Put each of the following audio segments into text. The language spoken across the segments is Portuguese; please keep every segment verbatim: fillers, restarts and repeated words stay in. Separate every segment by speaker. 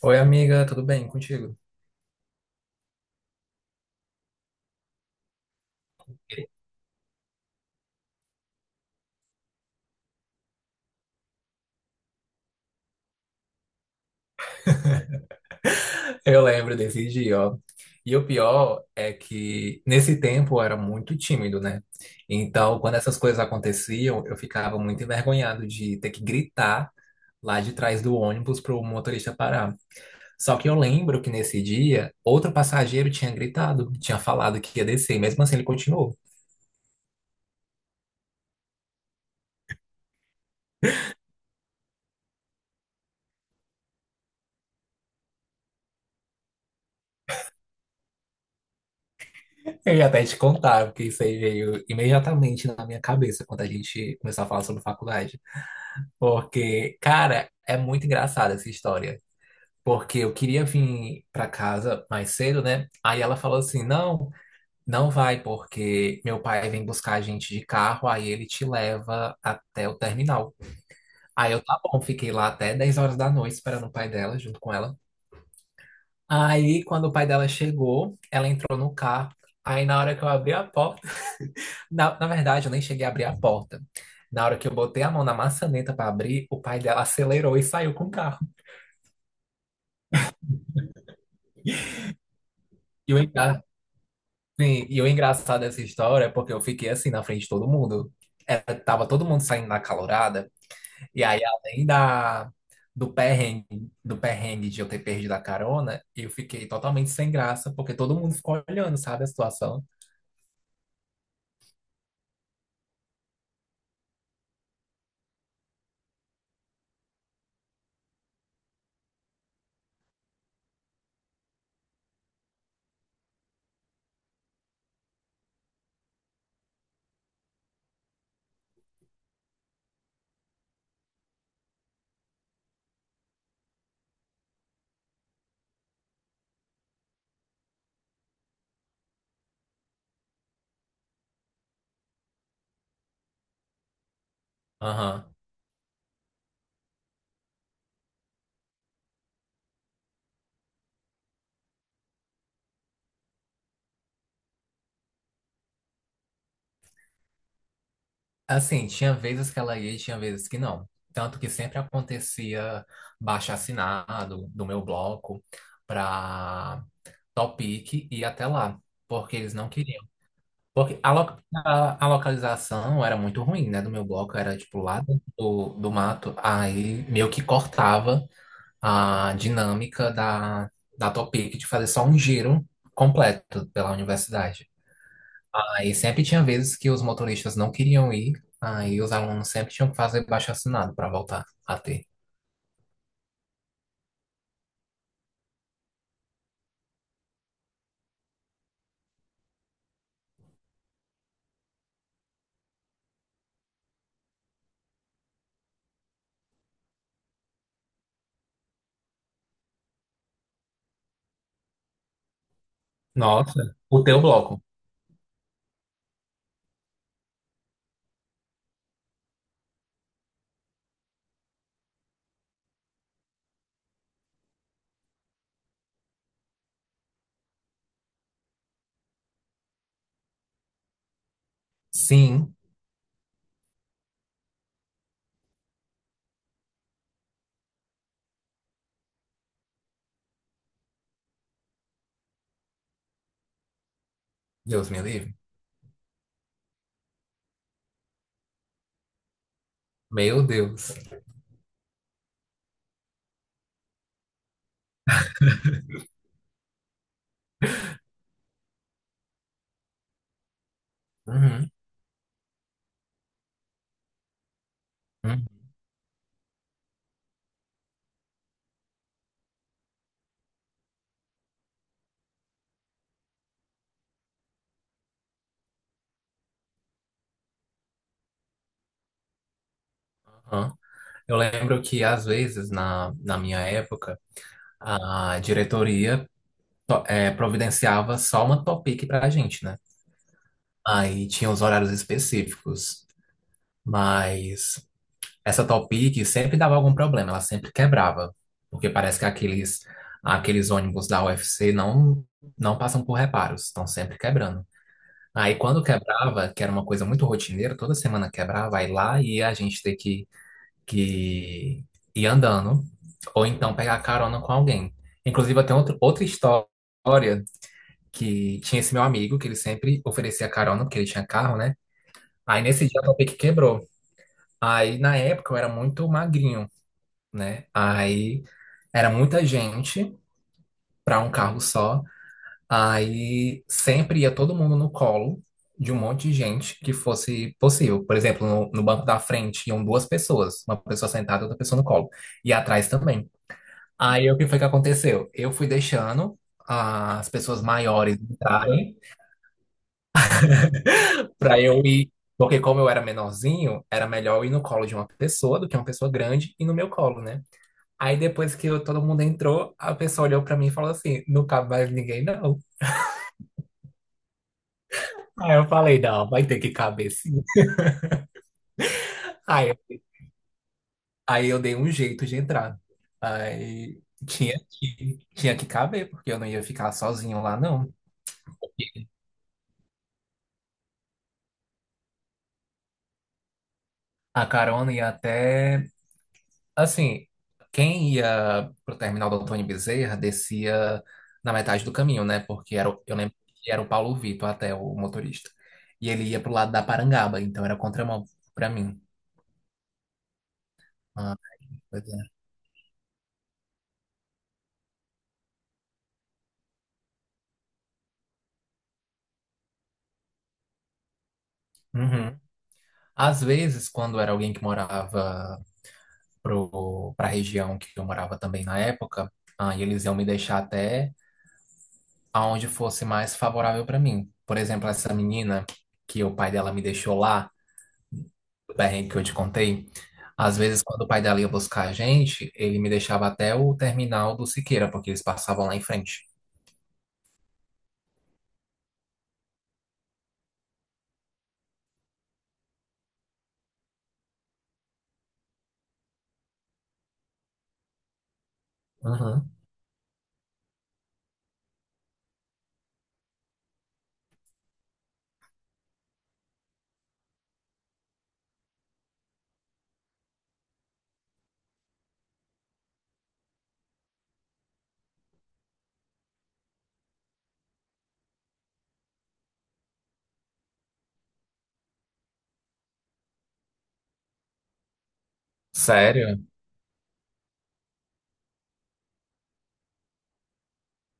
Speaker 1: Oi, amiga, tudo bem contigo? Eu lembro desse dia, ó. E o pior é que nesse tempo eu era muito tímido, né? Então, quando essas coisas aconteciam, eu ficava muito envergonhado de ter que gritar lá de trás do ônibus pro motorista parar. Só que eu lembro que nesse dia, outro passageiro tinha gritado, tinha falado que ia descer, e mesmo assim ele continuou. Eu ia até te contar, porque isso aí veio imediatamente na minha cabeça quando a gente começou a falar sobre faculdade. Porque, cara, é muito engraçada essa história. Porque eu queria vir pra casa mais cedo, né? Aí ela falou assim: não, não vai, porque meu pai vem buscar a gente de carro, aí ele te leva até o terminal. Aí eu, tá bom, fiquei lá até dez horas da noite esperando o pai dela, junto com ela. Aí, quando o pai dela chegou, ela entrou no carro. Aí, na hora que eu abri a porta, na, na verdade, eu nem cheguei a abrir a porta. Na hora que eu botei a mão na maçaneta pra abrir, o pai dela acelerou e saiu com o carro. E eu, em casa- Sim, e o engraçado dessa história é porque eu fiquei assim na frente de todo mundo. Era, tava todo mundo saindo na calorada. E aí, além da, do perrengue, do perrengue de eu ter perdido a carona, eu fiquei totalmente sem graça, porque todo mundo ficou olhando, sabe, a situação. Aham. Assim, tinha vezes que ela ia e tinha vezes que não. Tanto que sempre acontecia baixo assinado do meu bloco para Topic e até lá, porque eles não queriam. Porque a, lo- a- a localização era muito ruim, né? Do meu bloco era tipo lá dentro do, do mato, aí meio que cortava a dinâmica da, da Topic de fazer só um giro completo pela universidade. Aí sempre tinha vezes que os motoristas não queriam ir, aí os alunos sempre tinham que fazer abaixo-assinado para voltar a ter. Nossa, o teu bloco? Sim, Deus me livre. Meu Deus. Uhum, uhum, uhum. Eu lembro que, às vezes, na, na minha época, a diretoria to- eh, providenciava só uma topic pra gente, né? Aí tinha os horários específicos. Mas essa topic sempre dava algum problema, ela sempre quebrava. Porque parece que aqueles, aqueles ônibus da U F C não, não passam por reparos, estão sempre quebrando. Aí quando quebrava, que era uma coisa muito rotineira, toda semana quebrava, aí lá ia a gente ter que que ir andando, ou então pegar carona com alguém. Inclusive, eu tenho outro, outra história que tinha esse meu amigo, que ele sempre oferecia carona, porque ele tinha carro, né? Aí nesse dia o meu pique quebrou. Aí na época eu era muito magrinho, né? Aí era muita gente para um carro só. Aí sempre ia todo mundo no colo de um monte de gente que fosse possível. Por exemplo, no, no banco da frente iam duas pessoas, uma pessoa sentada e outra pessoa no colo. E atrás também. Aí o que foi que aconteceu? Eu fui deixando as pessoas maiores entrarem para eu ir, porque como eu era menorzinho, era melhor eu ir no colo de uma pessoa do que uma pessoa grande e no meu colo, né? Aí depois que eu- todo mundo entrou, a pessoa olhou para mim e falou assim: não cabe mais ninguém, não. Aí eu falei: não, vai ter que caber sim. Aí, eu- aí eu dei um jeito de entrar. Aí tinha que, tinha que caber, porque eu não ia ficar sozinho lá, não. A carona ia até. Assim, quem ia pro terminal do Antônio Bezerra descia na metade do caminho, né? Porque era, o- eu lembro que era o Paulo Vitor até o motorista. E ele ia pro lado da Parangaba, então era contramão pra mim. Ah, pois é. Uhum. Às vezes, quando era alguém que morava pro, pra região que eu morava também na época, ah, e eles iam me deixar até aonde fosse mais favorável pra mim. Por exemplo, essa menina que o pai dela me deixou lá, do perrengue que eu te contei, às vezes quando o pai dela ia buscar a gente, ele me deixava até o terminal do Siqueira, porque eles passavam lá em frente. Uhum. Sério?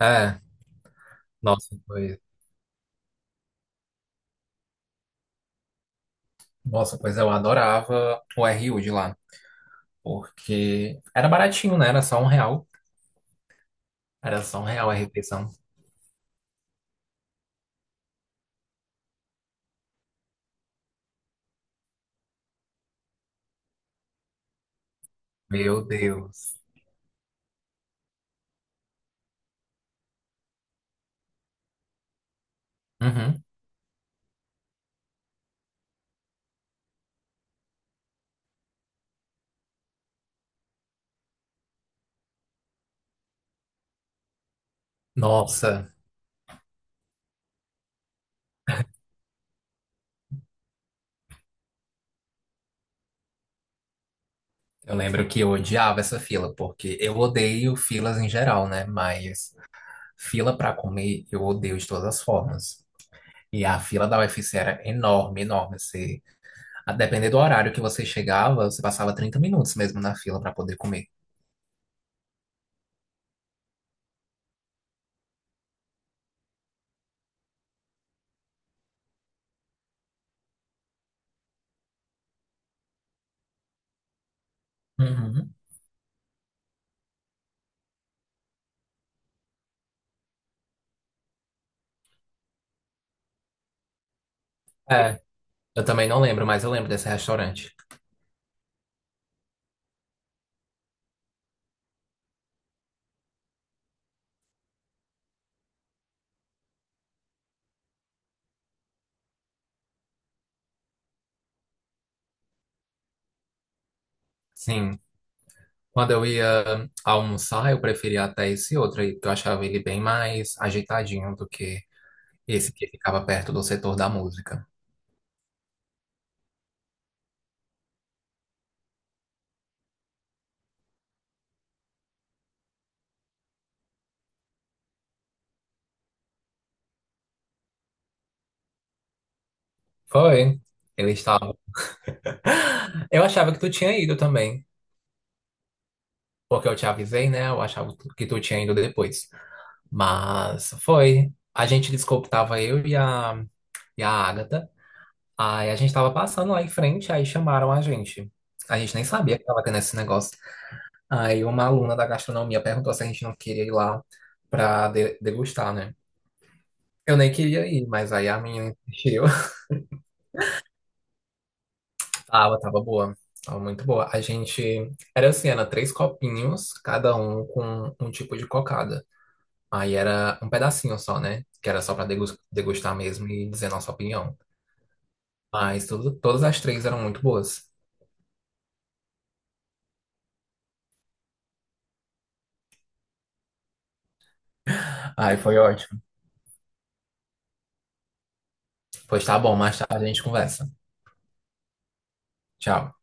Speaker 1: É. Nossa, pois, nossa, pois eu adorava o R U de lá, porque era baratinho, né? Era só um real. Era só um real a refeição. Meu Deus. Uhum. Nossa, eu lembro que eu odiava essa fila, porque eu odeio filas em geral, né? Mas fila pra comer eu odeio de todas as formas. E a fila da U F C era enorme, enorme. Você, a depender do horário que você chegava, você passava trinta minutos mesmo na fila para poder comer. Uhum. É, eu também não lembro, mas eu lembro desse restaurante. Sim, quando eu ia almoçar, eu preferia até esse outro aí, porque eu achava ele bem mais ajeitadinho do que esse que ficava perto do setor da música. Foi. Ele estava. Eu achava que tu tinha ido também, porque eu te avisei, né? Eu achava que tu tinha ido depois. Mas foi. A gente descobriu, tava eu e a, e a Agatha. Aí a gente tava passando lá em frente, aí chamaram a gente. A gente nem sabia que tava tendo esse negócio. Aí uma aluna da gastronomia perguntou se a gente não queria ir lá pra de- degustar, né? Eu nem queria ir, mas aí a minha insistiu. Tava, tava boa. Tava muito boa. A gente. Era assim, era três copinhos, cada um com um tipo de cocada. Aí era um pedacinho só, né? Que era só pra degus- degustar mesmo e dizer nossa opinião. Mas tudo, todas as três eram muito boas. Aí foi ótimo. Pois tá bom, mais tarde a gente conversa. Tchau.